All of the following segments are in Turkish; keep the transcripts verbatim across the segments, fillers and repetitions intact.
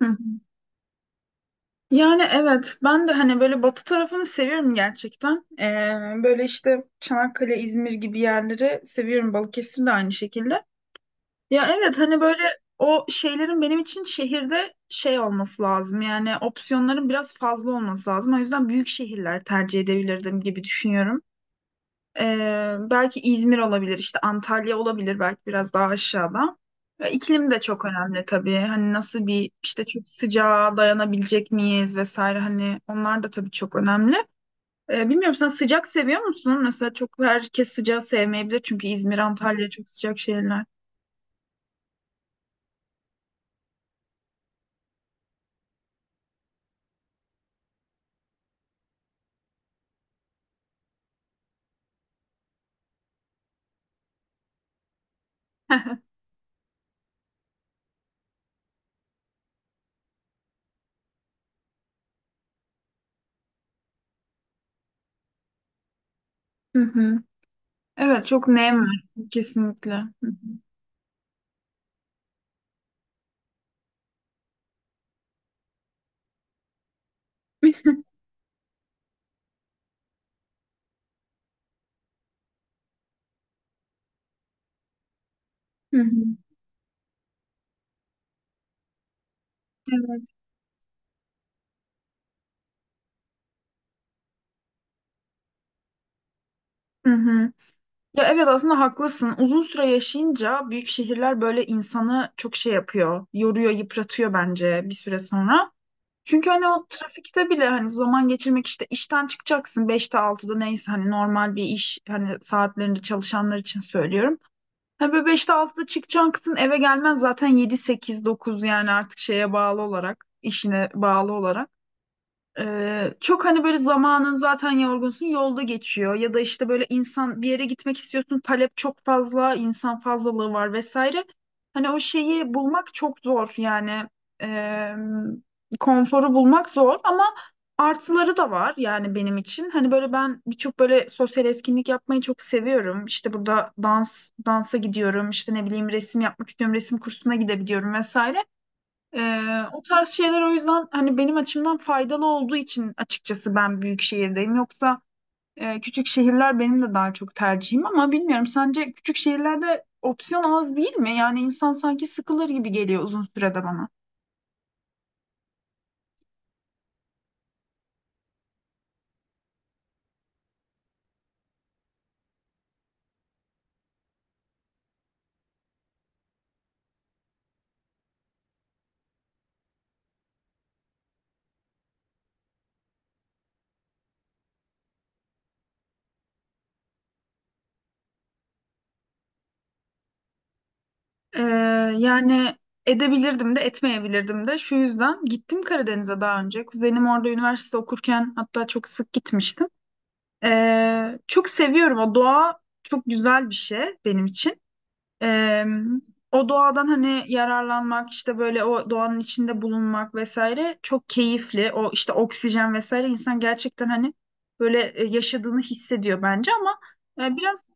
Hı. Yani evet ben de hani böyle batı tarafını seviyorum gerçekten. Ee, böyle işte Çanakkale, İzmir gibi yerleri seviyorum. Balıkesir de aynı şekilde. Ya evet hani böyle o şeylerin benim için şehirde şey olması lazım. Yani opsiyonların biraz fazla olması lazım. O yüzden büyük şehirler tercih edebilirdim gibi düşünüyorum. Ee, belki İzmir olabilir, işte Antalya olabilir belki biraz daha aşağıda. Ya, iklim de çok önemli tabii. Hani nasıl bir işte çok sıcağa dayanabilecek miyiz vesaire hani onlar da tabii çok önemli. Ee, bilmiyorum sen sıcak seviyor musun? Mesela çok herkes sıcağı sevmeyebilir çünkü İzmir, Antalya çok sıcak şehirler. Hı hı. Evet çok nem var kesinlikle. Hı hı. Evet. Hı hı. Ya evet aslında haklısın. Uzun süre yaşayınca büyük şehirler böyle insanı çok şey yapıyor. Yoruyor, yıpratıyor bence bir süre sonra. Çünkü hani o trafikte bile hani zaman geçirmek işte işten çıkacaksın beşte altıda neyse hani normal bir iş hani saatlerinde çalışanlar için söylüyorum. Hani böyle beşte altıda çıkacaksın eve gelmen zaten yedi sekiz dokuz yani artık şeye bağlı olarak işine bağlı olarak. Ee, çok hani böyle zamanın zaten yorgunsun yolda geçiyor ya da işte böyle insan bir yere gitmek istiyorsun talep çok fazla insan fazlalığı var vesaire. Hani o şeyi bulmak çok zor yani Ee, konforu bulmak zor ama artıları da var yani benim için. Hani böyle ben birçok böyle sosyal etkinlik yapmayı çok seviyorum. İşte burada dans dansa gidiyorum işte ne bileyim resim yapmak istiyorum resim kursuna gidebiliyorum vesaire. Ee, o tarz şeyler o yüzden hani benim açımdan faydalı olduğu için açıkçası ben büyük şehirdeyim. Yoksa e, küçük şehirler benim de daha çok tercihim ama bilmiyorum sence küçük şehirlerde opsiyon az değil mi? Yani insan sanki sıkılır gibi geliyor uzun sürede bana. Ee, Yani edebilirdim de etmeyebilirdim de şu yüzden gittim Karadeniz'e daha önce. Kuzenim orada üniversite okurken hatta çok sık gitmiştim. Ee, çok seviyorum o doğa çok güzel bir şey benim için. Eee, O doğadan hani yararlanmak işte böyle o doğanın içinde bulunmak vesaire çok keyifli. O işte oksijen vesaire insan gerçekten hani böyle e, yaşadığını hissediyor bence ama e, biraz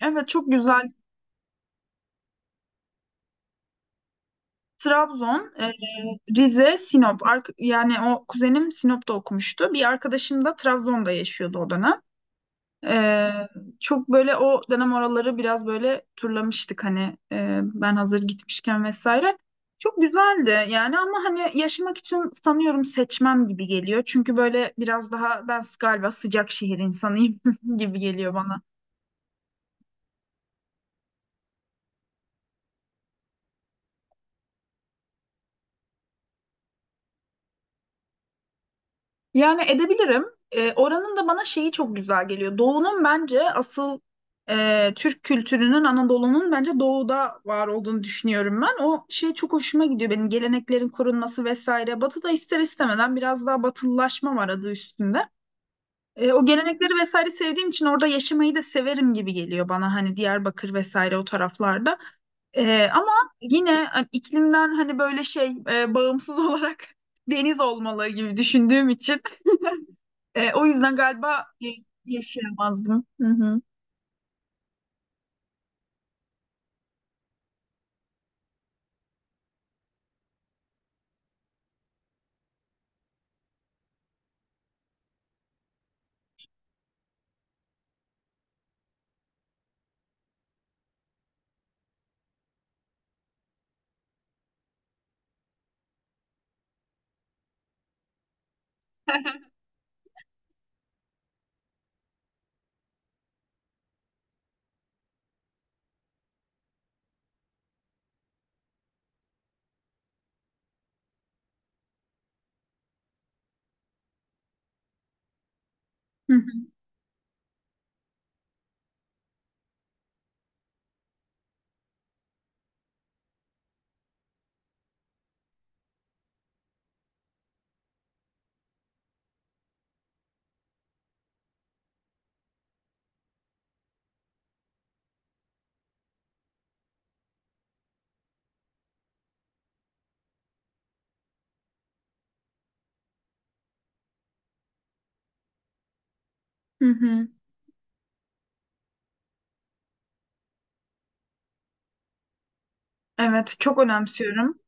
evet çok güzel. Trabzon, e, Rize, Sinop. Ark- yani o kuzenim Sinop'ta okumuştu. Bir arkadaşım da Trabzon'da yaşıyordu o dönem. Ee, Çok böyle o dönem oraları biraz böyle turlamıştık hani e, ben hazır gitmişken vesaire. Çok güzeldi yani ama hani yaşamak için sanıyorum seçmem gibi geliyor. Çünkü böyle biraz daha ben galiba sıcak şehir insanıyım gibi geliyor bana. Yani edebilirim. E, oranın da bana şeyi çok güzel geliyor. Doğu'nun bence asıl e, Türk kültürünün, Anadolu'nun bence Doğu'da var olduğunu düşünüyorum ben. O şey çok hoşuma gidiyor benim geleneklerin korunması vesaire. Batı'da ister istemeden biraz daha batılılaşma var adı üstünde. E, o gelenekleri vesaire sevdiğim için orada yaşamayı da severim gibi geliyor bana hani Diyarbakır vesaire o taraflarda. E, ama yine hani, iklimden hani böyle şey e, bağımsız olarak deniz olmalı gibi düşündüğüm için. E, o yüzden galiba ye- yaşayamazdım. Hı hı. Hı hı. Hı hı. Evet, çok önemsiyorum.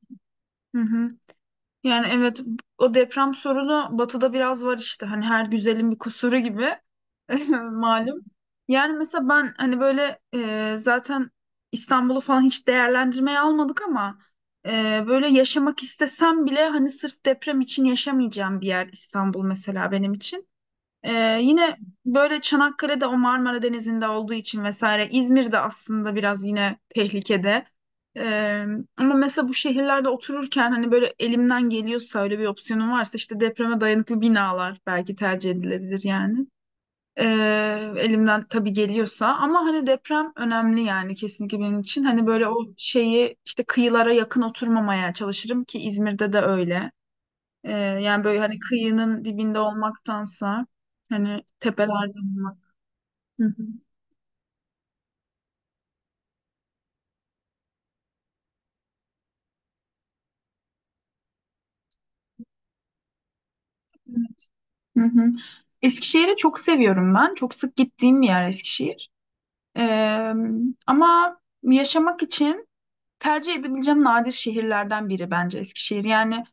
Hı hı. Yani evet, o deprem sorunu batıda biraz var işte. Hani her güzelin bir kusuru gibi. Malum. Yani mesela ben hani böyle e, zaten İstanbul'u falan hiç değerlendirmeye almadık ama e, böyle yaşamak istesem bile hani sırf deprem için yaşamayacağım bir yer İstanbul mesela benim için. Ee, yine böyle Çanakkale'de o Marmara Denizi'nde olduğu için vesaire İzmir'de aslında biraz yine tehlikede. Ee, Ama mesela bu şehirlerde otururken hani böyle elimden geliyorsa öyle bir opsiyonum varsa işte depreme dayanıklı binalar belki tercih edilebilir yani. Ee, Elimden tabii geliyorsa ama hani deprem önemli yani kesinlikle benim için. Hani böyle o şeyi işte kıyılara yakın oturmamaya çalışırım ki İzmir'de de öyle. Ee, yani böyle hani kıyının dibinde olmaktansa hani tepelerde olmak. Hı hı. Hı hı. Eskişehir'i çok seviyorum ben. Çok sık gittiğim bir yer Eskişehir. Ee, Ama yaşamak için tercih edebileceğim nadir şehirlerden biri bence Eskişehir. Yani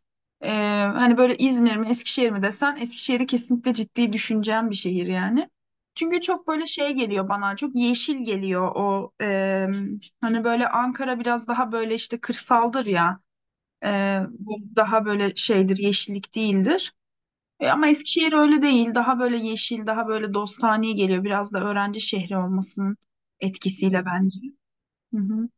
e, hani böyle İzmir mi Eskişehir mi desen Eskişehir'i kesinlikle ciddi düşüneceğim bir şehir yani. Çünkü çok böyle şey geliyor bana çok yeşil geliyor o e, hani böyle Ankara biraz daha böyle işte kırsaldır ya E, bu daha böyle şeydir yeşillik değildir. E, ama Eskişehir öyle değil daha böyle yeşil daha böyle dostane geliyor biraz da öğrenci şehri olmasının etkisiyle bence. Hı hı.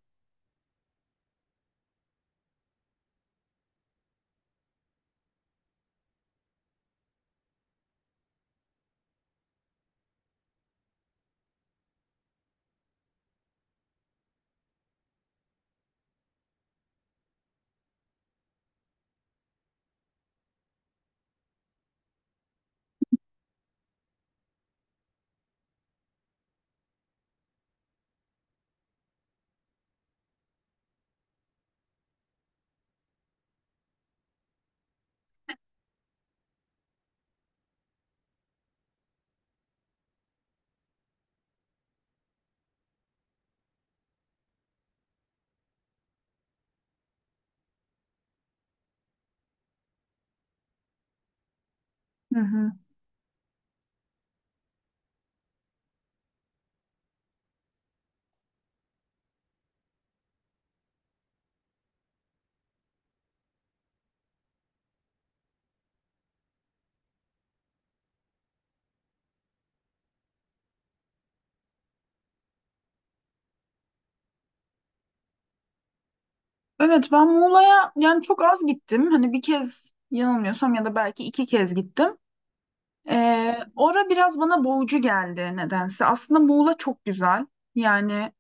Hı hı. Evet ben Muğla'ya yani çok az gittim. Hani bir kez yanılmıyorsam ya da belki iki kez gittim. Ee, ora biraz bana boğucu geldi nedense. Aslında Muğla çok güzel. Yani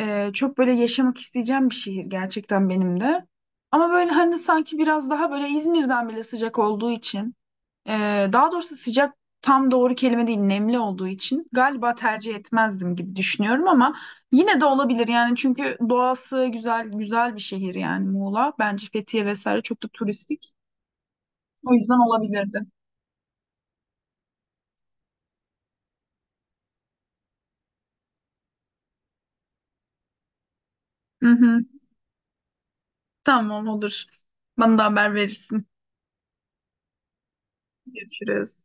e, çok böyle yaşamak isteyeceğim bir şehir gerçekten benim de. Ama böyle hani sanki biraz daha böyle İzmir'den bile sıcak olduğu için. Ee, daha doğrusu sıcak tam doğru kelime değil, nemli olduğu için galiba tercih etmezdim gibi düşünüyorum ama yine de olabilir yani çünkü doğası güzel güzel bir şehir yani Muğla. Bence Fethiye vesaire çok da turistik. O yüzden olabilirdi. Hı hı. Tamam olur. Bana da haber verirsin. Görüşürüz.